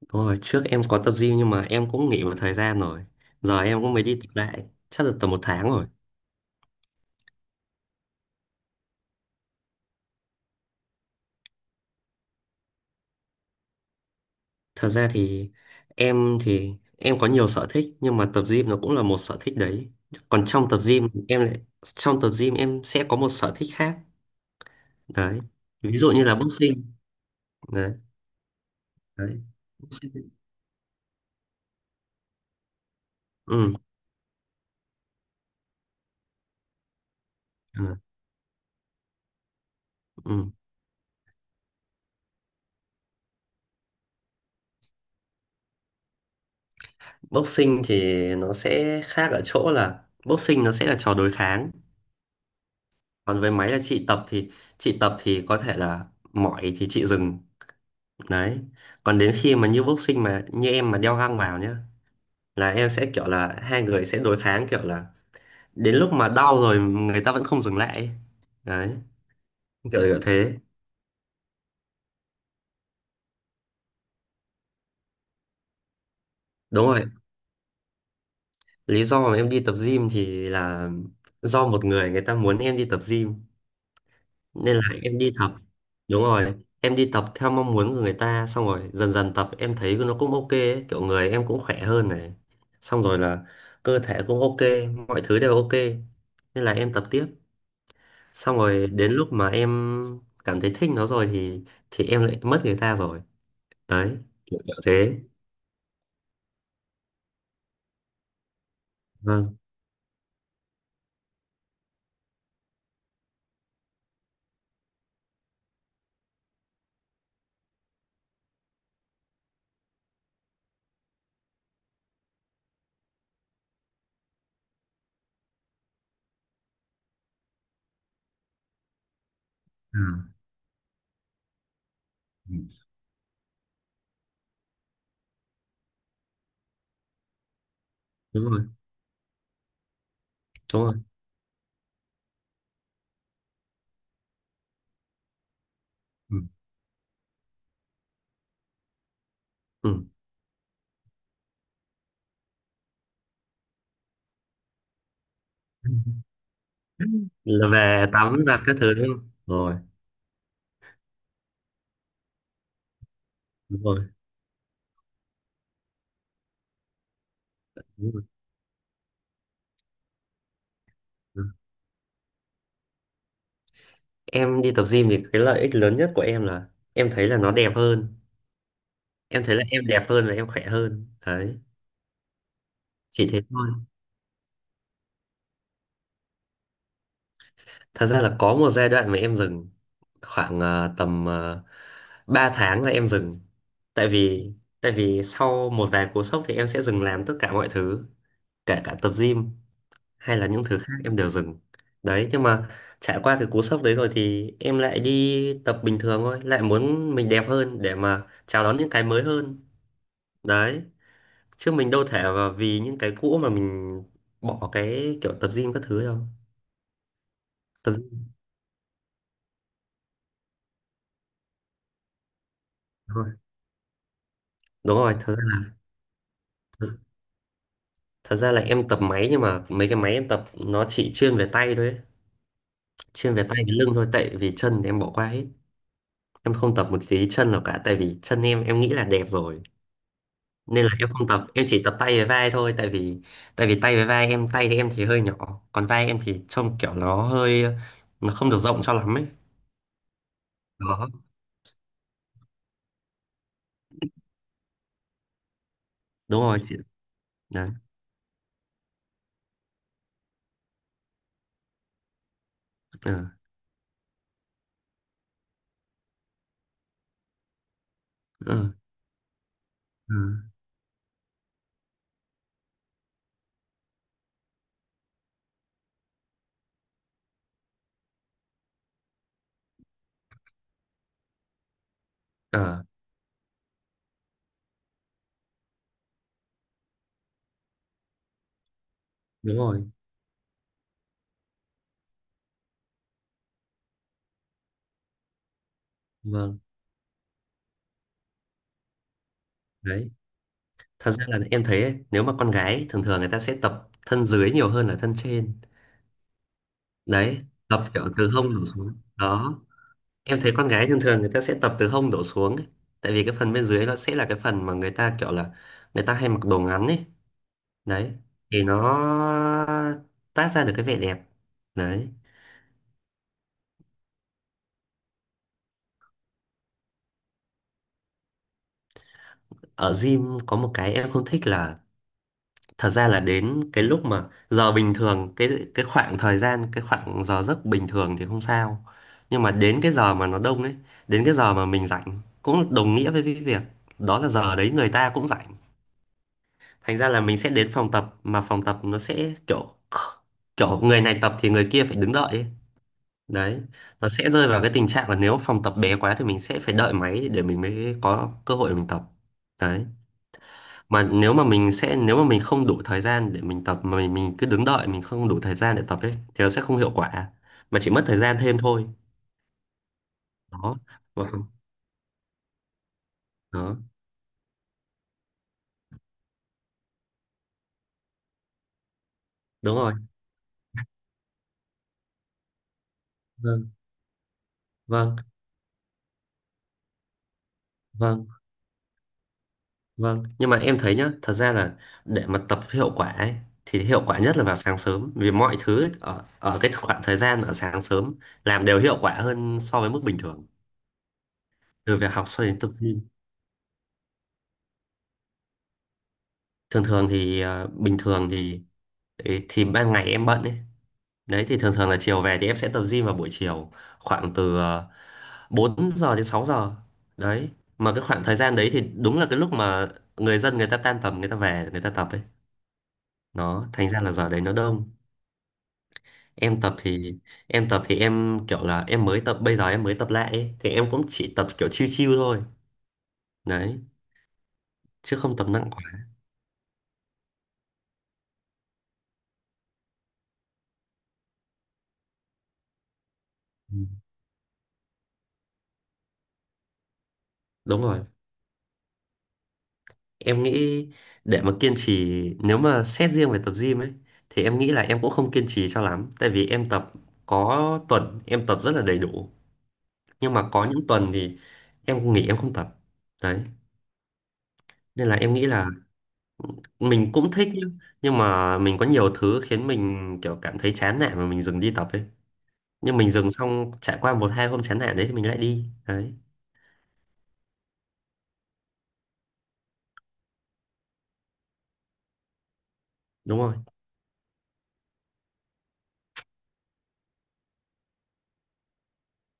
Đúng rồi, trước em có tập gym nhưng mà em cũng nghỉ một thời gian rồi. Giờ em cũng mới đi tập lại, chắc là tầm một tháng rồi. Thật ra thì em có nhiều sở thích nhưng mà tập gym nó cũng là một sở thích đấy. Còn trong tập gym em sẽ có một sở thích khác. Đấy. Ví dụ như là boxing. Đấy, đấy. Boxing. Ừ, ừ, ừ. Boxing thì nó sẽ khác ở chỗ là boxing nó sẽ là trò đối kháng. Còn với máy là chị tập thì có thể là mỏi thì chị dừng. Đấy. Còn đến khi mà như boxing mà như em mà đeo găng vào nhá, là em sẽ kiểu là hai người sẽ đối kháng kiểu là đến lúc mà đau rồi người ta vẫn không dừng lại ấy. Đấy, kiểu kiểu thế. Đúng rồi. Lý do mà em đi tập gym thì là do một người người ta muốn em đi tập gym nên là em đi tập. Đúng rồi. Em đi tập theo mong muốn của người ta xong rồi dần dần tập em thấy nó cũng ok ấy. Kiểu người em cũng khỏe hơn này. Xong rồi là cơ thể cũng ok, mọi thứ đều ok. Nên là em tập tiếp. Xong rồi đến lúc mà em cảm thấy thích nó rồi thì em lại mất người ta rồi, đấy kiểu kiểu thế. Vâng, à, ừ. Đúng rồi, đúng rồi, ừ. Ừ. Là về tắm giặt các thứ đúng không rồi, đúng rồi, đúng rồi. Ừ. Em đi tập gym thì cái lợi ích lớn nhất của em là em thấy là nó đẹp hơn, em thấy là em đẹp hơn và em khỏe hơn đấy, chỉ thế thôi. Thật ra là có một giai đoạn mà em dừng khoảng tầm 3 tháng là em dừng. Tại vì tại vì sau một vài cú sốc thì em sẽ dừng làm tất cả mọi thứ, kể cả tập gym hay là những thứ khác em đều dừng. Đấy, nhưng mà trải qua cái cú sốc đấy rồi thì em lại đi tập bình thường thôi, lại muốn mình đẹp hơn để mà chào đón những cái mới hơn. Đấy, chứ mình đâu thể mà vì những cái cũ mà mình bỏ cái kiểu tập gym các thứ đâu. Tập gym thôi. Đúng rồi, ra Thật ra là em tập máy nhưng mà mấy cái máy em tập nó chỉ chuyên về tay thôi ấy. Chuyên về tay với lưng thôi tại vì chân thì em bỏ qua hết. Em không tập một tí chân nào cả tại vì chân em nghĩ là đẹp rồi. Nên là em không tập, em chỉ tập tay với vai thôi tại vì tay với vai em, tay thì em thì hơi nhỏ, còn vai em thì trông kiểu nó không được rộng cho lắm ấy. Đó, đúng rồi chị. Đấy. Ờ. Ờ. Ờ. Ờ. Đúng rồi. Vâng. Đấy. Thật ra là em thấy ấy, nếu mà con gái thường thường người ta sẽ tập thân dưới nhiều hơn là thân trên, đấy tập kiểu từ hông đổ xuống đó. Em thấy con gái thường thường người ta sẽ tập từ hông đổ xuống ấy. Tại vì cái phần bên dưới nó sẽ là cái phần mà người ta kiểu là người ta hay mặc đồ ngắn ấy, đấy thì nó tác ra được cái vẻ đẹp đấy. Ở gym có một cái em không thích là thật ra là đến cái lúc mà giờ bình thường, cái khoảng thời gian, cái khoảng giờ giấc bình thường thì không sao, nhưng mà đến cái giờ mà nó đông ấy, đến cái giờ mà mình rảnh cũng đồng nghĩa với cái việc đó là giờ đấy người ta cũng rảnh. Thành ra là mình sẽ đến phòng tập mà phòng tập nó sẽ kiểu kiểu người này tập thì người kia phải đứng đợi ấy. Đấy, nó sẽ rơi vào cái tình trạng là nếu phòng tập bé quá thì mình sẽ phải đợi máy để mình mới có cơ hội để mình tập. Đấy, mà nếu mà mình không đủ thời gian để mình tập mà mình cứ đứng đợi, mình không đủ thời gian để tập ấy thì nó sẽ không hiệu quả, mà chỉ mất thời gian thêm thôi. Đó. Vâng. Đó, đúng rồi. Vâng, vâng, vâng. Vâng, nhưng mà em thấy nhá, thật ra là để mà tập hiệu quả ấy thì hiệu quả nhất là vào sáng sớm vì mọi thứ ấy, ở ở cái khoảng thời gian ở sáng sớm làm đều hiệu quả hơn so với mức bình thường, từ việc học cho đến tập gym. Thường thường thì bình thường thì ấy, thì ban ngày em bận ấy, đấy thì thường thường là chiều về thì em sẽ tập gym vào buổi chiều, khoảng từ 4 giờ đến 6 giờ đấy. Mà cái khoảng thời gian đấy thì đúng là cái lúc mà người dân người ta tan tầm, người ta về người ta tập ấy, nó thành ra là giờ đấy nó đông. Em tập thì em kiểu là em mới tập bây giờ, em mới tập lại ấy, thì em cũng chỉ tập kiểu chill chill thôi, đấy, chứ không tập nặng quá. Ừ. Đúng rồi, em nghĩ để mà kiên trì nếu mà xét riêng về tập gym ấy thì em nghĩ là em cũng không kiên trì cho lắm, tại vì em tập có tuần em tập rất là đầy đủ, nhưng mà có những tuần thì em nghỉ, em không tập đấy. Nên là em nghĩ là mình cũng thích nhá, nhưng mà mình có nhiều thứ khiến mình kiểu cảm thấy chán nản mà mình dừng đi tập ấy, nhưng mình dừng xong trải qua một hai hôm chán nản đấy thì mình lại đi đấy. Đúng rồi.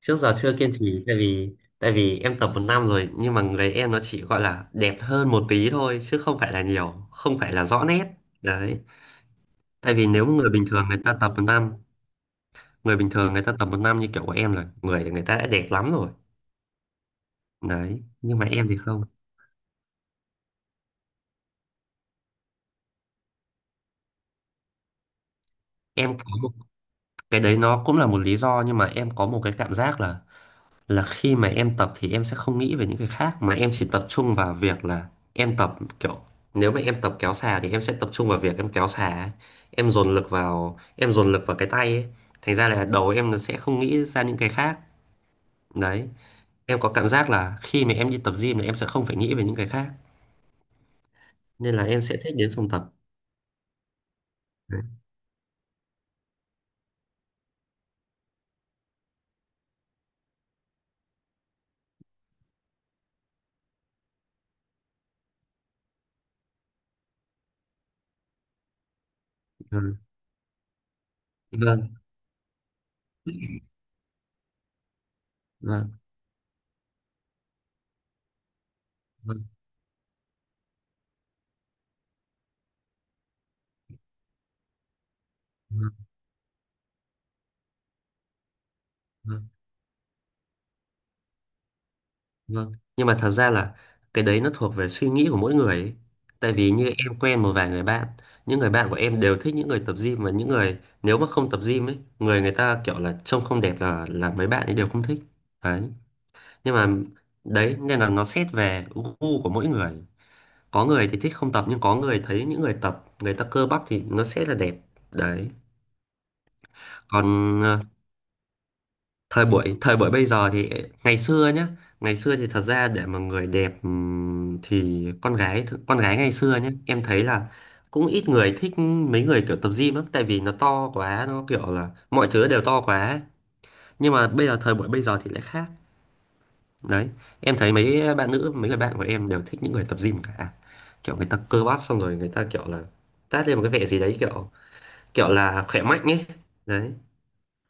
Trước giờ chưa kiên trì, tại vì em tập một năm rồi nhưng mà người em nó chỉ gọi là đẹp hơn một tí thôi chứ không phải là nhiều, không phải là rõ nét đấy. Tại vì nếu người bình thường người ta tập một năm, người bình thường người ta tập một năm như kiểu của em là người người ta đã đẹp lắm rồi đấy, nhưng mà em thì không. Em có một cái đấy nó cũng là một lý do nhưng mà em có một cái cảm giác là khi mà em tập thì em sẽ không nghĩ về những cái khác, mà em chỉ tập trung vào việc là em tập kiểu nếu mà em tập kéo xà thì em sẽ tập trung vào việc em kéo xà ấy. Em dồn lực vào cái tay ấy. Thành ra là đầu em nó sẽ không nghĩ ra những cái khác đấy, em có cảm giác là khi mà em đi tập gym là em sẽ không phải nghĩ về những cái khác, nên là em sẽ thích đến phòng tập đấy. Vâng. Vâng. Vâng. Vâng. Vâng. Vâng. Vâng. Nhưng mà thật ra là cái đấy nó thuộc về suy nghĩ của mỗi người ấy. Tại vì như em quen một vài người bạn, những người bạn của em đều thích những người tập gym và những người nếu mà không tập gym ấy, người người ta kiểu là trông không đẹp, là mấy bạn ấy đều không thích. Đấy. Nhưng mà đấy nên là nó xét về gu của mỗi người. Có người thì thích không tập nhưng có người thấy những người tập người ta cơ bắp thì nó sẽ là đẹp. Đấy. Còn thời buổi bây giờ thì ngày xưa nhá, ngày xưa thì thật ra để mà người đẹp thì con gái ngày xưa nhá em thấy là cũng ít người thích mấy người kiểu tập gym lắm, tại vì nó to quá, nó kiểu là mọi thứ đều to quá ấy. Nhưng mà bây giờ thời buổi bây giờ thì lại khác đấy, em thấy mấy bạn nữ mấy người bạn của em đều thích những người tập gym cả. Kiểu người ta cơ bắp xong rồi người ta kiểu là tát lên một cái vẻ gì đấy, kiểu kiểu là khỏe mạnh ấy đấy.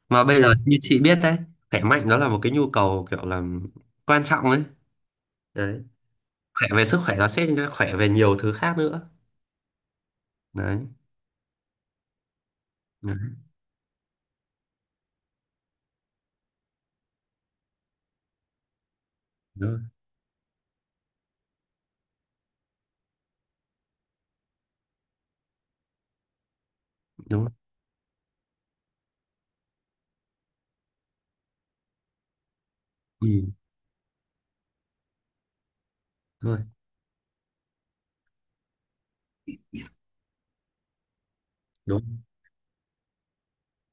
Mà bây giờ như chị biết đấy, khỏe mạnh nó là một cái nhu cầu kiểu là quan trọng ấy đấy. Khỏe về sức khỏe nó sẽ khỏe về nhiều thứ khác nữa đấy. Đấy, đúng rồi, đúng rồi. Ừ, đúng rồi, đúng,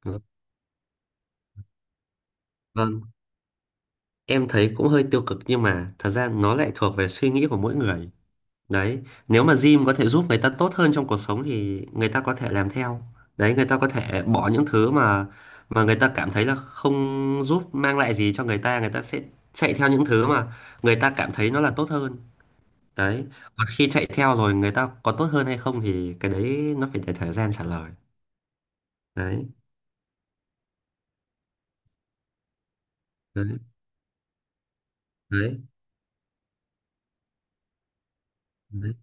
đúng. Vâng, em thấy cũng hơi tiêu cực nhưng mà thật ra nó lại thuộc về suy nghĩ của mỗi người đấy. Nếu mà gym có thể giúp người ta tốt hơn trong cuộc sống thì người ta có thể làm theo đấy, người ta có thể bỏ những thứ mà người ta cảm thấy là không giúp mang lại gì cho người ta, người ta sẽ chạy theo những thứ mà người ta cảm thấy nó là tốt hơn đấy. Còn khi chạy theo rồi người ta có tốt hơn hay không thì cái đấy nó phải để thời gian trả lời đấy. Đấy, đấy, đấy.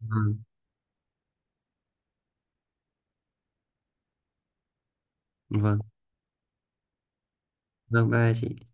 Vâng, vâng, vâng, bye chị